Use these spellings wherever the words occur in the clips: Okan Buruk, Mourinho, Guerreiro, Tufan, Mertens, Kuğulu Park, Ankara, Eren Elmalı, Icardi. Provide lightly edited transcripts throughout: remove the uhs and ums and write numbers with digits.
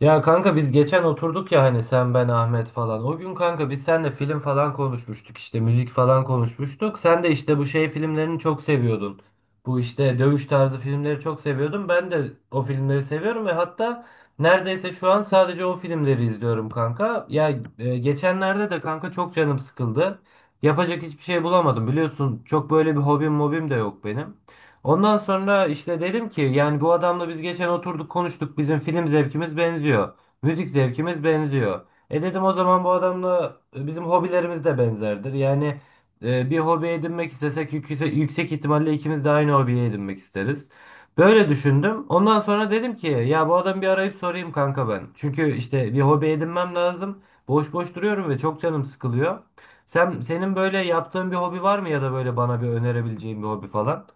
Ya kanka biz geçen oturduk ya hani sen ben Ahmet falan. O gün kanka biz seninle film falan konuşmuştuk işte müzik falan konuşmuştuk. Sen de işte bu şey filmlerini çok seviyordun. Bu işte dövüş tarzı filmleri çok seviyordun. Ben de o filmleri seviyorum ve hatta neredeyse şu an sadece o filmleri izliyorum kanka. Geçenlerde de kanka çok canım sıkıldı. Yapacak hiçbir şey bulamadım. Biliyorsun çok böyle bir hobim mobim de yok benim. Ondan sonra işte dedim ki yani bu adamla biz geçen oturduk konuştuk bizim film zevkimiz benziyor. Müzik zevkimiz benziyor. E dedim o zaman bu adamla bizim hobilerimiz de benzerdir. Yani bir hobi edinmek istesek yüksek ihtimalle ikimiz de aynı hobiyi edinmek isteriz. Böyle düşündüm. Ondan sonra dedim ki ya bu adamı bir arayıp sorayım kanka ben. Çünkü işte bir hobi edinmem lazım. Boş boş duruyorum ve çok canım sıkılıyor. Senin böyle yaptığın bir hobi var mı ya da böyle bana bir önerebileceğin bir hobi falan?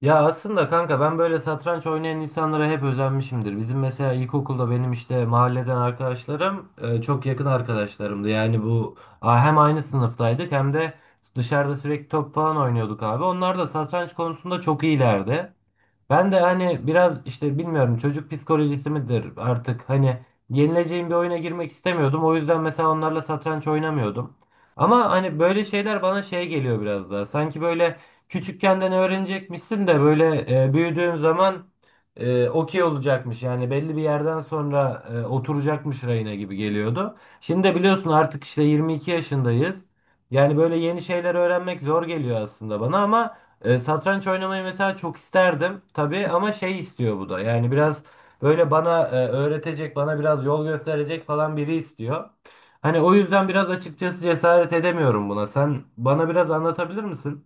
Ya aslında kanka ben böyle satranç oynayan insanlara hep özenmişimdir. Bizim mesela ilkokulda benim işte mahalleden arkadaşlarım çok yakın arkadaşlarımdı. Yani hem aynı sınıftaydık hem de dışarıda sürekli top falan oynuyorduk abi. Onlar da satranç konusunda çok iyilerdi. Ben de hani biraz işte bilmiyorum çocuk psikolojisi midir artık hani yenileceğim bir oyuna girmek istemiyordum. O yüzden mesela onlarla satranç oynamıyordum. Ama hani böyle şeyler bana şey geliyor biraz daha. Sanki böyle küçükken de ne öğrenecekmişsin de büyüdüğün zaman okey olacakmış. Yani belli bir yerden sonra oturacakmış rayına gibi geliyordu. Şimdi de biliyorsun artık işte 22 yaşındayız. Yani böyle yeni şeyler öğrenmek zor geliyor aslında bana ama satranç oynamayı mesela çok isterdim tabii ama şey istiyor bu da. Yani biraz böyle bana öğretecek, bana biraz yol gösterecek falan biri istiyor. Hani o yüzden biraz açıkçası cesaret edemiyorum buna. Sen bana biraz anlatabilir misin?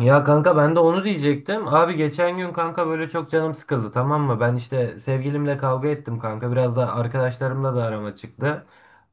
Ya kanka ben de onu diyecektim. Abi geçen gün kanka böyle çok canım sıkıldı, tamam mı? Ben işte sevgilimle kavga ettim kanka. Biraz da arkadaşlarımla da arama çıktı.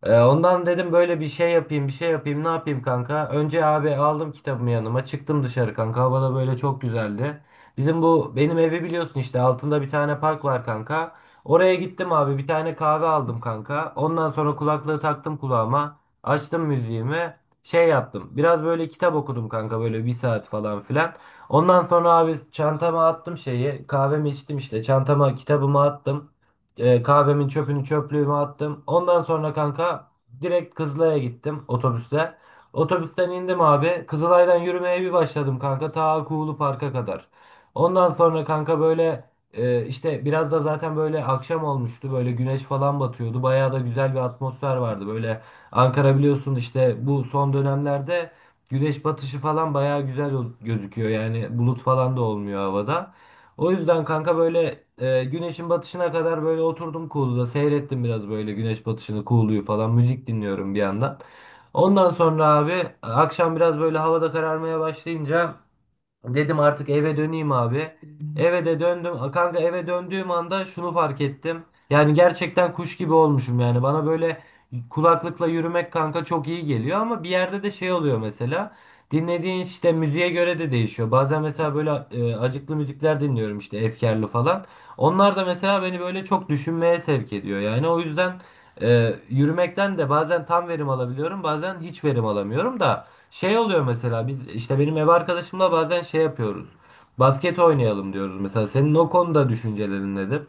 Ondan dedim böyle bir şey yapayım bir şey yapayım ne yapayım kanka. Önce abi aldım kitabımı yanıma çıktım dışarı kanka. Hava da böyle çok güzeldi. Bizim bu benim evi biliyorsun işte altında bir tane park var kanka. Oraya gittim abi bir tane kahve aldım kanka. Ondan sonra kulaklığı taktım kulağıma. Açtım müziğimi şey yaptım. Biraz böyle kitap okudum kanka böyle bir saat falan filan. Ondan sonra abi çantama attım şeyi. Kahvemi içtim işte. Çantama kitabımı attım. Kahvemin çöpünü çöplüğüme attım. Ondan sonra kanka direkt Kızılay'a gittim otobüsle. Otobüsten indim abi. Kızılay'dan yürümeye bir başladım kanka. Ta Kuğulu Park'a kadar. Ondan sonra kanka işte biraz da zaten böyle akşam olmuştu. Böyle güneş falan batıyordu. Bayağı da güzel bir atmosfer vardı. Böyle Ankara biliyorsun işte bu son dönemlerde güneş batışı falan bayağı güzel gözüküyor. Yani bulut falan da olmuyor havada. O yüzden kanka güneşin batışına kadar böyle oturdum Kuğulu'da seyrettim biraz böyle güneş batışını Kuğulu'yu falan müzik dinliyorum bir yandan. Ondan sonra abi akşam biraz böyle havada kararmaya başlayınca dedim artık eve döneyim abi. Eve de döndüm. A, kanka eve döndüğüm anda şunu fark ettim. Yani gerçekten kuş gibi olmuşum yani. Bana böyle kulaklıkla yürümek kanka çok iyi geliyor ama bir yerde de şey oluyor mesela. Dinlediğin işte müziğe göre de değişiyor. Bazen mesela acıklı müzikler dinliyorum işte efkarlı falan. Onlar da mesela beni böyle çok düşünmeye sevk ediyor. Yani o yüzden yürümekten de bazen tam verim alabiliyorum, bazen hiç verim alamıyorum da. Şey oluyor mesela biz işte benim ev arkadaşımla bazen şey yapıyoruz. Basket oynayalım diyoruz mesela. Senin o konuda düşüncelerin nedir?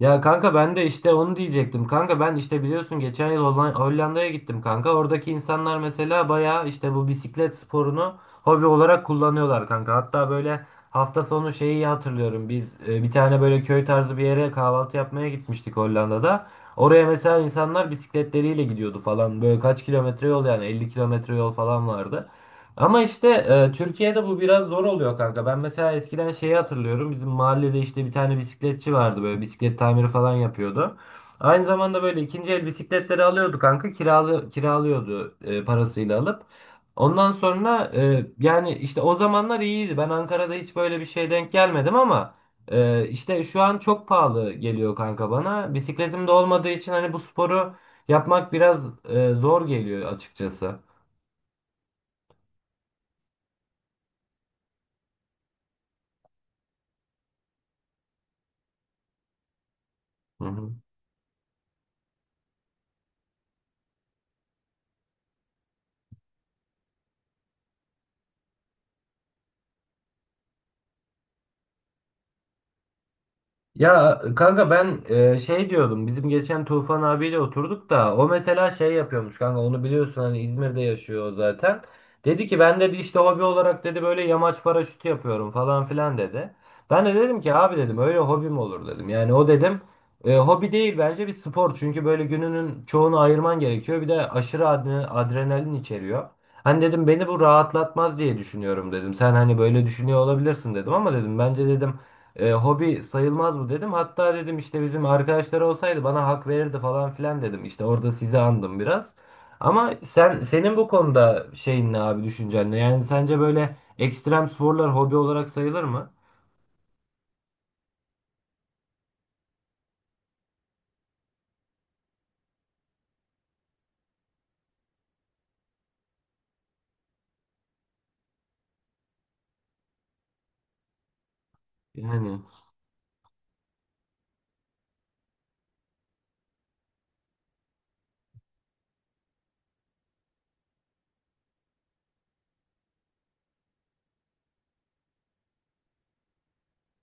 Ya kanka ben de işte onu diyecektim. Kanka ben işte biliyorsun geçen yıl Hollanda'ya gittim kanka. Oradaki insanlar mesela bayağı işte bu bisiklet sporunu hobi olarak kullanıyorlar kanka. Hatta böyle hafta sonu şeyi hatırlıyorum. Biz bir tane böyle köy tarzı bir yere kahvaltı yapmaya gitmiştik Hollanda'da. Oraya mesela insanlar bisikletleriyle gidiyordu falan. Böyle kaç kilometre yol yani 50 kilometre yol falan vardı. Ama işte Türkiye'de bu biraz zor oluyor kanka. Ben mesela eskiden şeyi hatırlıyorum. Bizim mahallede işte bir tane bisikletçi vardı böyle bisiklet tamiri falan yapıyordu. Aynı zamanda böyle ikinci el bisikletleri alıyordu kanka. Kiralıyordu parasıyla alıp. Ondan sonra yani işte o zamanlar iyiydi. Ben Ankara'da hiç böyle bir şey denk gelmedim ama işte şu an çok pahalı geliyor kanka bana. Bisikletim de olmadığı için hani bu sporu yapmak biraz zor geliyor açıkçası. Hı hı. Ya kanka ben şey diyordum bizim geçen Tufan abiyle oturduk da o mesela şey yapıyormuş kanka onu biliyorsun hani İzmir'de yaşıyor o zaten. Dedi ki ben dedi işte hobi olarak dedi böyle yamaç paraşütü yapıyorum falan filan dedi. Ben de dedim ki abi dedim öyle hobi mi olur dedim. Yani o dedim hobi değil bence bir spor çünkü böyle gününün çoğunu ayırman gerekiyor bir de aşırı adrenalin içeriyor. Hani dedim beni bu rahatlatmaz diye düşünüyorum dedim. Sen hani böyle düşünüyor olabilirsin dedim ama dedim bence dedim hobi sayılmaz bu dedim. Hatta dedim işte bizim arkadaşlar olsaydı bana hak verirdi falan filan dedim. İşte orada sizi andım biraz. Ama senin bu konuda şeyin ne abi düşüncen ne? Yani sence böyle ekstrem sporlar hobi olarak sayılır mı? Yani.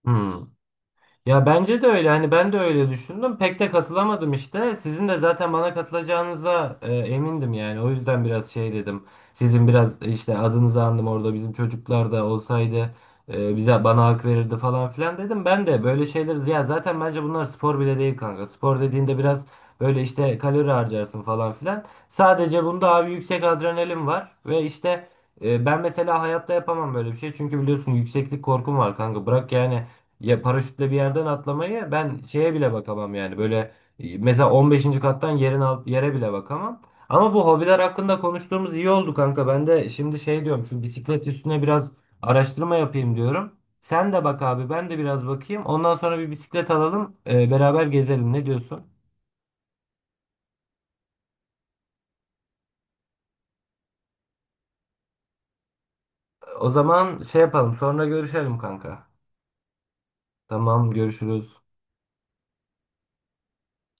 Hmm. Ya bence de öyle. Hani ben de öyle düşündüm. Pek de katılamadım işte. Sizin de zaten bana katılacağınıza emindim yani. O yüzden biraz şey dedim. Sizin biraz işte adınızı andım orada. Bizim çocuklar da olsaydı e, bize bana hak verirdi falan filan dedim. Ben de böyle şeyler ya zaten bence bunlar spor bile değil kanka. Spor dediğinde biraz böyle işte kalori harcarsın falan filan. Sadece bunda abi yüksek adrenalin var ve işte ben mesela hayatta yapamam böyle bir şey. Çünkü biliyorsun yükseklik korkum var kanka. Bırak yani ya paraşütle bir yerden atlamayı ben şeye bile bakamam yani. Mesela 15. kattan yerin alt yere bile bakamam. Ama bu hobiler hakkında konuştuğumuz iyi oldu kanka. Ben de şimdi şey diyorum şu bisiklet üstüne biraz araştırma yapayım diyorum. Sen de bak abi ben de biraz bakayım. Ondan sonra bir bisiklet alalım beraber gezelim ne diyorsun? O zaman şey yapalım sonra görüşelim kanka. Tamam görüşürüz.